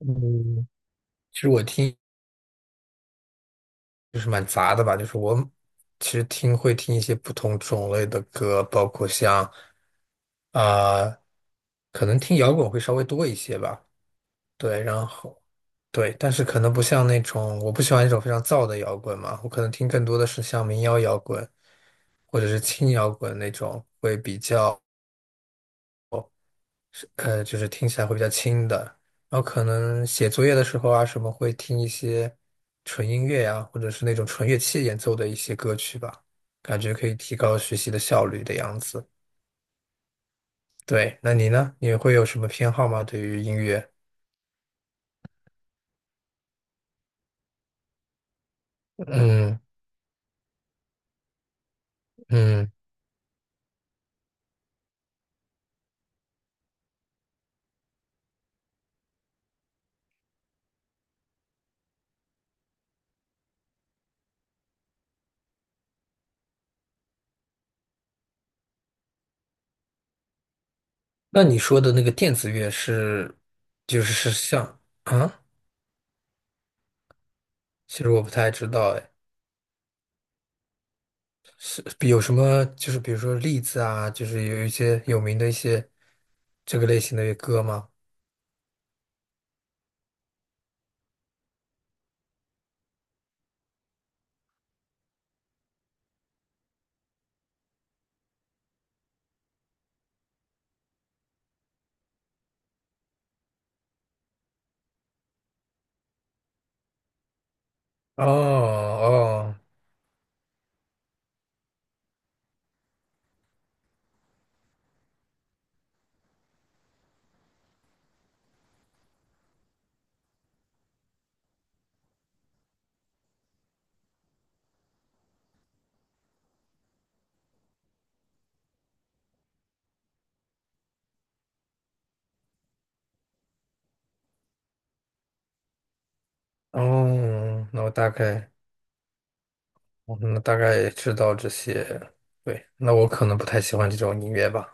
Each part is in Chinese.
嗯，其实我听就是蛮杂的吧，就是我其实会听一些不同种类的歌，包括像啊、可能听摇滚会稍微多一些吧，对，然后对，但是可能不像那种我不喜欢那种非常燥的摇滚嘛，我可能听更多的是像民谣摇滚或者是轻摇滚那种会比较。就是听起来会比较轻的。然后可能写作业的时候啊，什么会听一些纯音乐呀、或者是那种纯乐器演奏的一些歌曲吧，感觉可以提高学习的效率的样子。对，那你呢？你会有什么偏好吗？对于音乐？嗯嗯，那你说的那个电子乐是，就是像啊？其实我不太知道，哎，是有什么就是比如说例子啊，就是有一些有名的一些这个类型的歌吗？哦哦哦，那我大概，哦那大概也知道这些。对，那我可能不太喜欢这种音乐吧，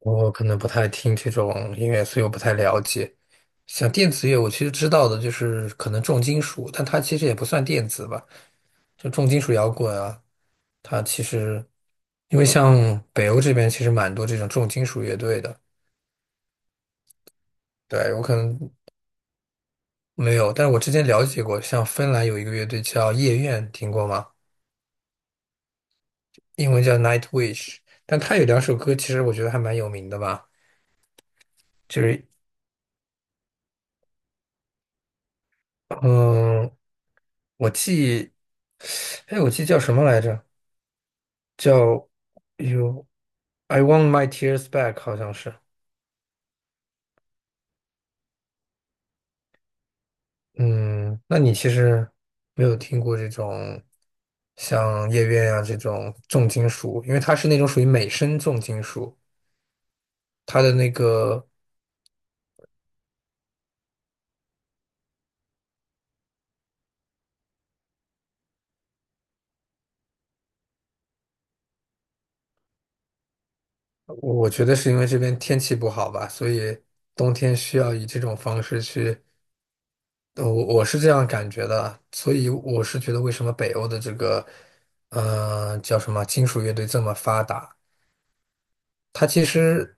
我可能不太听这种音乐，所以我不太了解。像电子乐，我其实知道的就是可能重金属，但它其实也不算电子吧，就重金属摇滚啊，它其实因为像北欧这边其实蛮多这种重金属乐队的，对，我可能没有，但是我之前了解过，像芬兰有一个乐队叫夜愿，听过吗？英文叫 Nightwish,但他有两首歌，其实我觉得还蛮有名的吧，就是嗯，我记，哎，我记叫什么来着？叫 You I Want My Tears Back,好像是。嗯，那你其实没有听过这种像夜愿啊这种重金属，因为它是那种属于美声重金属，它的那个我觉得是因为这边天气不好吧，所以冬天需要以这种方式去。我是这样感觉的，所以我是觉得为什么北欧的这个，叫什么金属乐队这么发达？它其实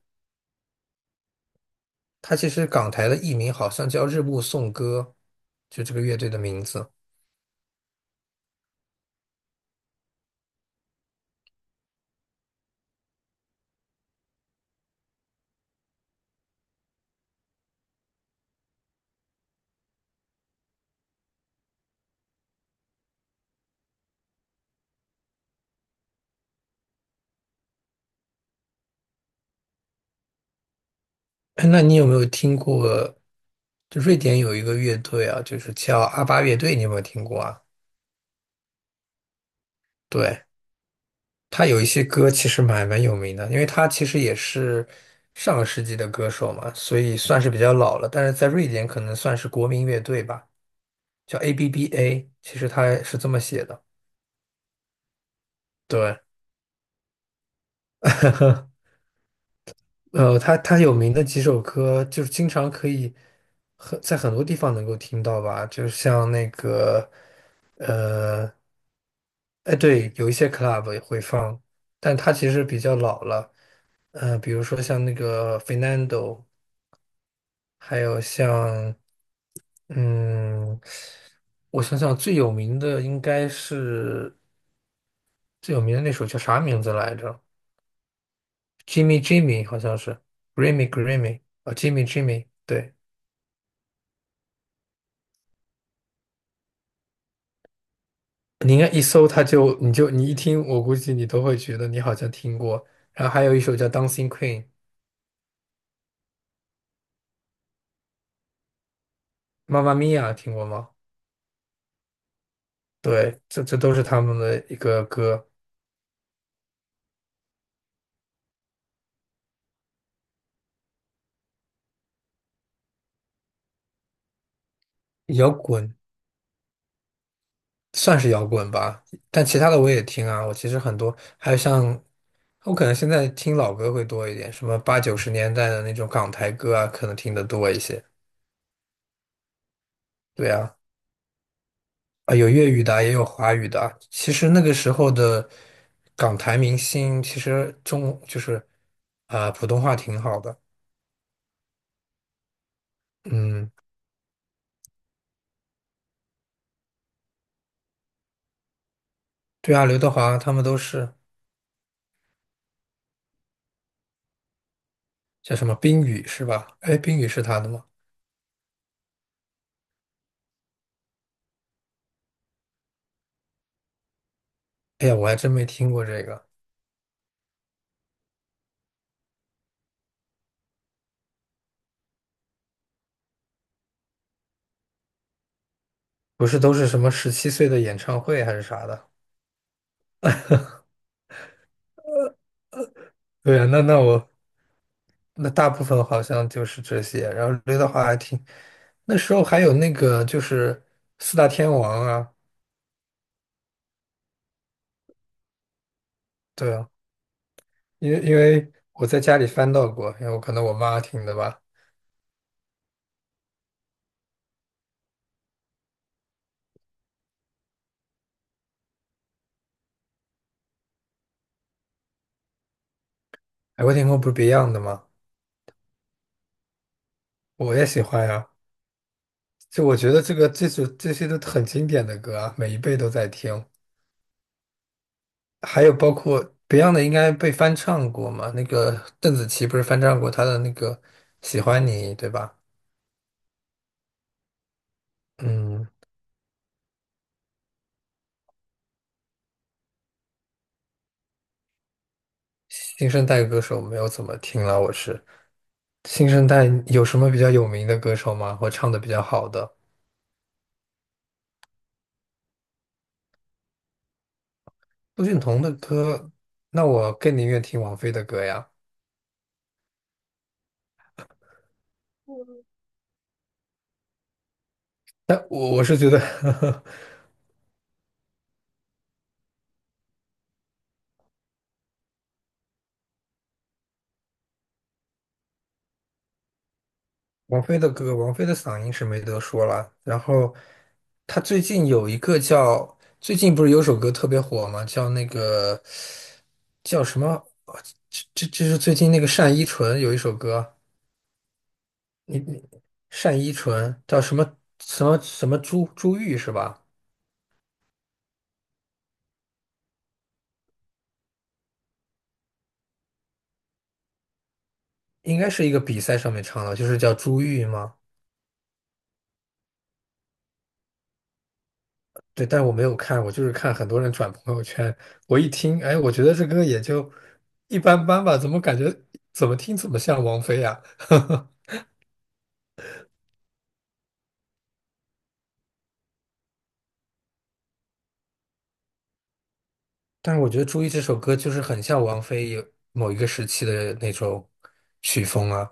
它其实港台的艺名好像叫日暮颂歌，就这个乐队的名字。那你有没有听过？就瑞典有一个乐队啊，就是叫阿巴乐队，你有没有听过啊？对，他有一些歌其实蛮有名的，因为他其实也是上个世纪的歌手嘛，所以算是比较老了，但是在瑞典可能算是国民乐队吧。叫 ABBA,其实它是这么写的。对 它有名的几首歌，就是经常可以在很多地方能够听到吧，就是像那个，呃，哎，对，有一些 club 也会放，但它其实比较老了。比如说像那个 Fernando,还有像，嗯，我想想最有名的那首叫啥名字来着？Jimmy Jimmy 好像是 Grammy Grammy 啊，Jimmy Jimmy,对，你应该一搜他就你一听，我估计你都会觉得你好像听过。然后还有一首叫《Dancing Queen》,妈妈咪呀，听过吗？对，这都是他们的一个歌，摇滚算是摇滚吧，但其他的我也听啊。我其实很多，还有像我可能现在听老歌会多一点，什么八九十年代的那种港台歌啊，可能听得多一些。对啊。有粤语的啊也有华语的啊其实那个时候的港台明星，其实中就是啊、普通话挺好的。嗯，对啊，刘德华他们都是叫什么冰雨是吧？哎，冰雨是他的吗？哎呀，我还真没听过这个。不是都是什么17岁的演唱会还是啥的？对啊，那大部分好像就是这些。然后刘德华还挺，那时候还有那个就是四大天王啊，对啊。因为我在家里翻到过，因为我可能我妈听的吧。海阔天空不是 Beyond 的吗？我也喜欢呀。就我觉得这些都很经典的歌啊，每一辈都在听。还有包括 Beyond 的应该被翻唱过嘛？那个邓紫棋不是翻唱过她的那个《喜欢你》，对吧？嗯，新生代歌手没有怎么听了，我是。新生代有什么比较有名的歌手吗？或唱的比较好的？陆俊彤的歌，那我更宁愿听王菲的歌呀。但我是觉得 王菲的歌，王菲的嗓音是没得说了。然后她最近有一个叫，最近不是有首歌特别火吗？叫那个叫什么？哦这是最近那个单依纯有一首歌，你你单依纯叫什么朱玉是吧？应该是一个比赛上面唱的，就是叫朱玉吗？对，但我没有看，我就是看很多人转朋友圈，我一听，哎，我觉得这歌也就一般般吧，怎么感觉怎么听怎么像王菲呀、但是我觉得《朱意》这首歌就是很像王菲有某一个时期的那种曲风啊，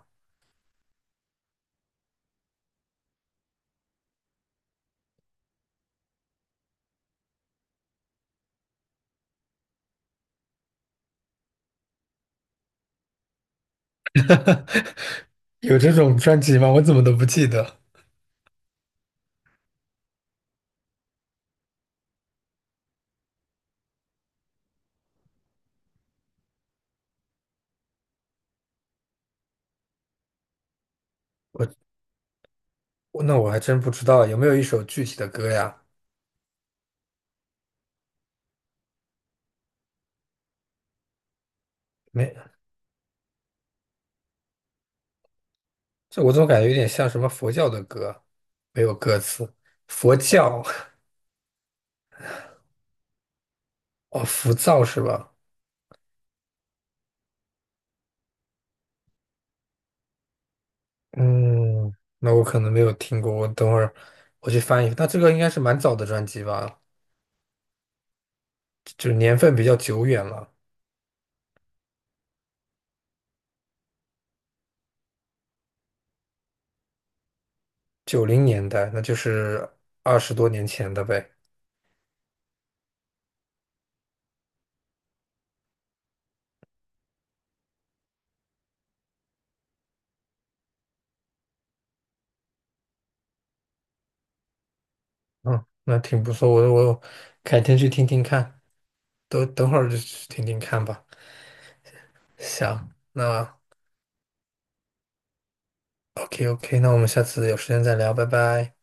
有这种专辑吗？我怎么都不记得。我那我还真不知道有没有一首具体的歌呀？没，这我总感觉有点像什么佛教的歌，没有歌词。佛教 哦，浮躁是吧？嗯，那我可能没有听过，我等会儿我去翻一翻。那这个应该是蛮早的专辑吧，就是年份比较久远了，90年代，那就是20多年前的呗。嗯，那挺不错，我改天去听听看，等会儿就去听听看吧。行，那 OK OK,那我们下次有时间再聊，拜拜。